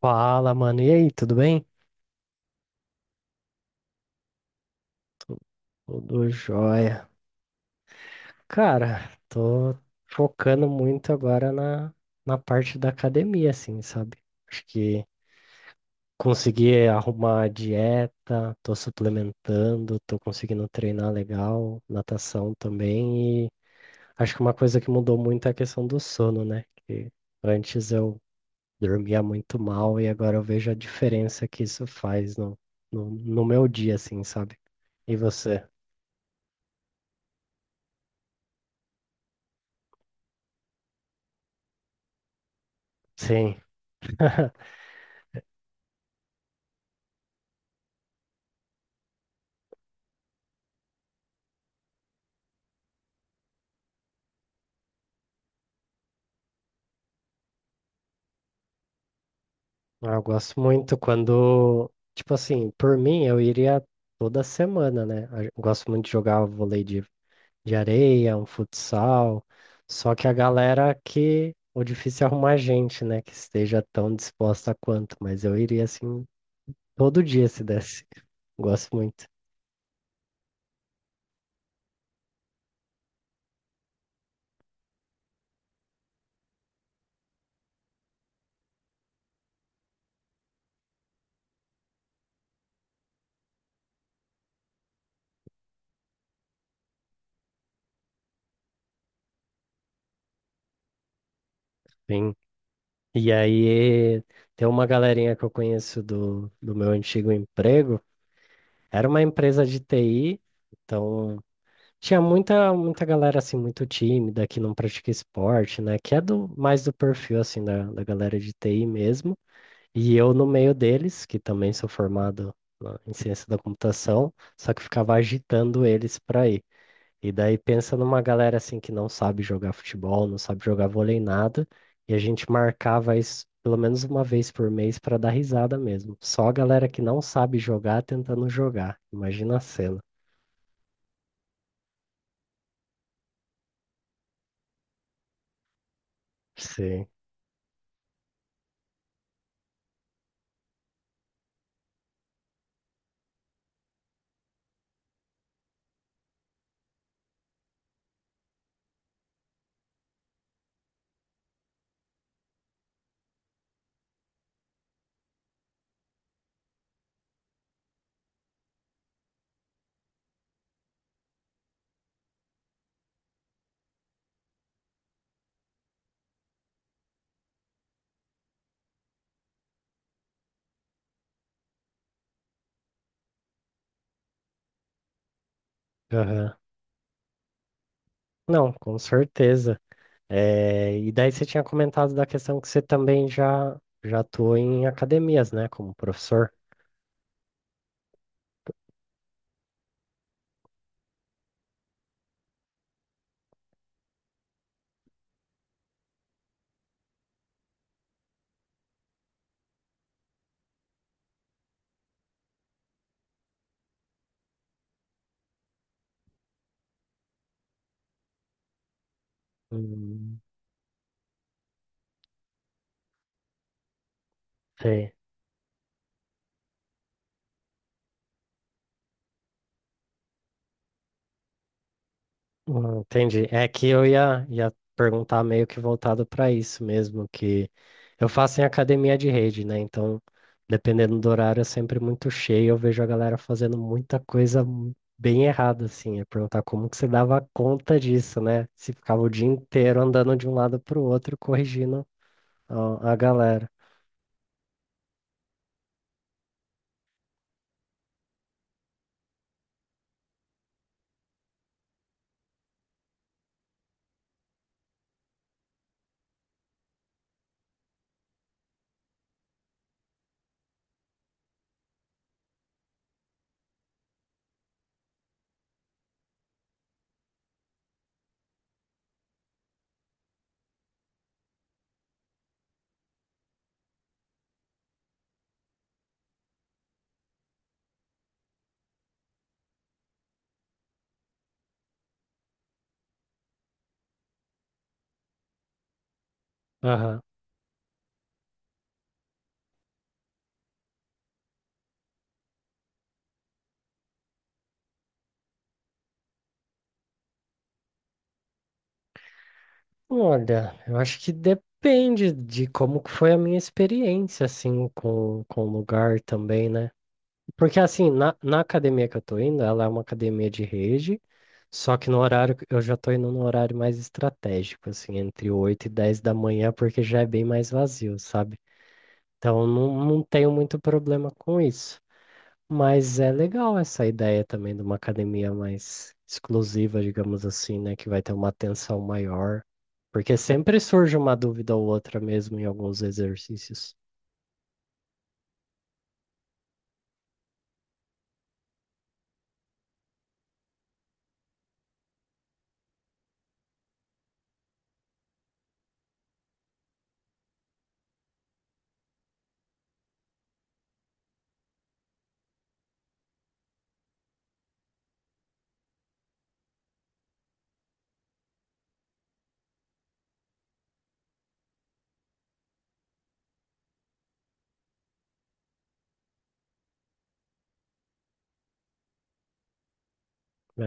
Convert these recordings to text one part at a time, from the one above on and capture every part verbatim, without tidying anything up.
Fala, mano. E aí, tudo bem? Tudo jóia. Cara, tô focando muito agora na, na parte da academia, assim, sabe? Acho que consegui arrumar a dieta, tô suplementando, tô conseguindo treinar legal, natação também. E acho que uma coisa que mudou muito é a questão do sono, né? Que antes eu dormia muito mal e agora eu vejo a diferença que isso faz no, no, no meu dia, assim, sabe? E você? Sim, ah, eu gosto muito quando, tipo assim, por mim eu iria toda semana, né? A- eu Gosto muito de jogar vôlei de, de areia, um futsal, só que a galera que o difícil é arrumar gente, né? Que esteja tão disposta quanto, mas eu iria assim todo dia se desse. Gosto muito. Sim. E aí tem uma galerinha que eu conheço do, do meu antigo emprego, era uma empresa de T I. Então, tinha muita, muita galera assim muito tímida que não pratica esporte, né? Que é do mais do perfil assim da, da galera de T I mesmo. E eu no meio deles, que também sou formado na- em ciência da computação, só que ficava agitando eles para ir. E daí pensa numa galera assim que não sabe jogar futebol, não sabe jogar vôlei nada, e a gente marcava isso pelo menos uma vez por mês para dar risada mesmo. Só a galera que não sabe jogar tentando jogar. Imagina a cena. Sim. Não, com certeza. É, e daí você tinha comentado da questão que você também já, já atuou em academias, né, como professor. Hum, Sei. Hum, Entendi. É que eu ia, ia perguntar meio que voltado para isso mesmo, que eu faço em academia de rede, né? Então, dependendo do horário, é sempre muito cheio. Eu vejo a galera fazendo muita coisa mu- bem errada, assim. É perguntar como que você dava conta disso, né? Se ficava o dia inteiro andando de um lado para o outro, corrigindo a, a galera. Aham. Olha, eu acho que depende de como que foi a minha experiência, assim, com, com o lugar também, né? Porque assim, na, na academia que eu tô indo, ela é uma academia de rede, só que no horário, que- eu já tô indo num horário mais estratégico, assim, entre oito e dez da manhã, porque já é bem mais vazio, sabe? Então não, não tenho muito problema com isso. Mas é legal essa ideia também de uma academia mais exclusiva, digamos assim, né? Que vai ter uma atenção maior. Porque sempre surge uma dúvida ou outra mesmo em alguns exercícios.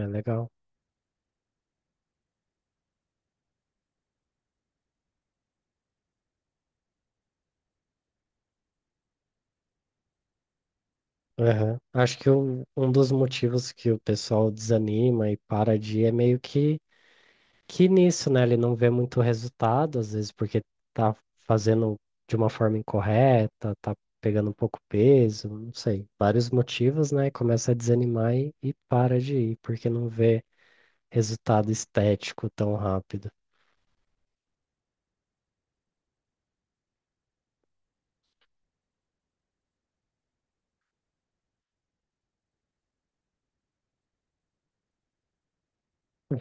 É legal. Aham. Acho que o- um dos motivos que o pessoal desanima e para de ir é meio que, que, nisso, né? Ele não vê muito resultado, às vezes porque tá fazendo de uma forma incorreta, tá pegando pouco peso, não sei. Vários motivos, né? Começa a desanimar e, e para de ir, porque não vê resultado estético tão rápido.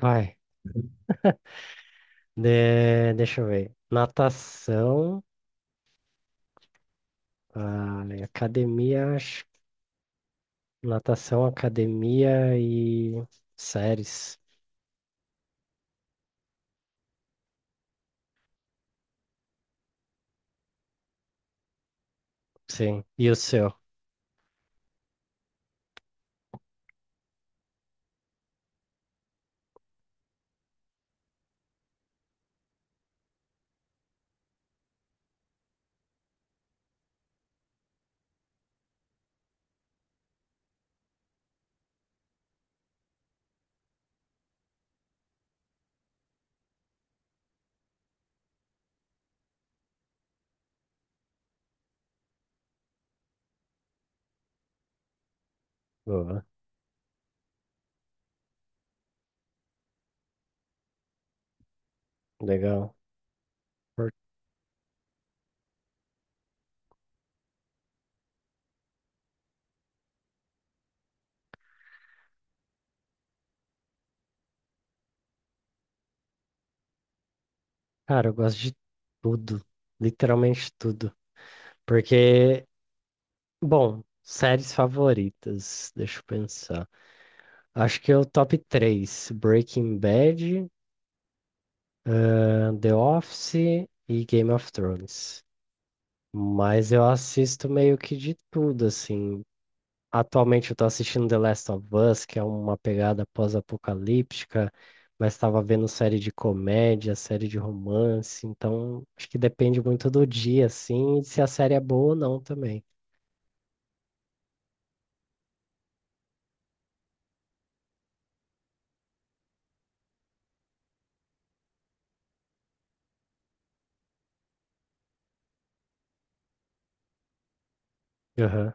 Vai. De- deixa eu ver. Natação, ah, academia, natação, academia e séries. Sim. E o seu? Boa. Legal. Por- Cara, eu gosto de tudo. Literalmente tudo. Porque, bom, séries favoritas. Deixa eu pensar. Acho que é o top três: Breaking Bad, eh, The Office e Game of Thrones. Mas eu assisto meio que de tudo, assim. Atualmente eu tô assistindo The Last of Us, que é uma pegada pós-apocalíptica, mas estava vendo série de comédia, série de romance, então acho que depende muito do dia, assim, e se a série é boa ou não também. Aham.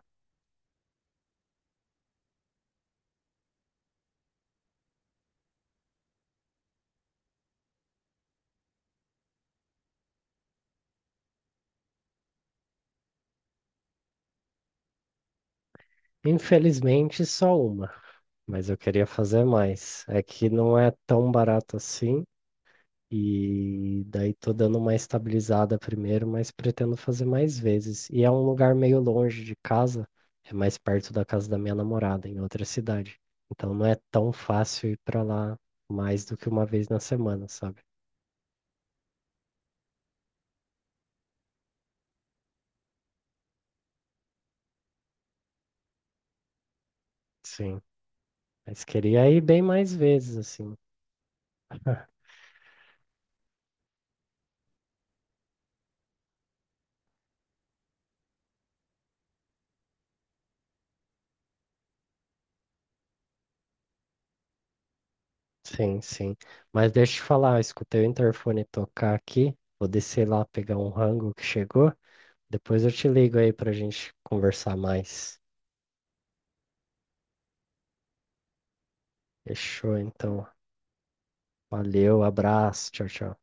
Infelizmente, só uma, mas eu queria fazer mais. É que não é tão barato assim, e daí tô dando uma estabilizada primeiro, mas pretendo fazer mais vezes. E é um lugar meio longe de casa, é mais perto da casa da minha namorada, em outra cidade. Então não é tão fácil ir pra lá mais do que uma vez na semana, sabe? Sim. Mas queria ir bem mais vezes, assim. Sim, sim. Mas deixa eu te falar, eu escutei o interfone tocar aqui. Vou descer lá pegar um rango que chegou. Depois eu te ligo aí pra gente conversar mais. Fechou, então. Valeu, abraço, tchau, tchau.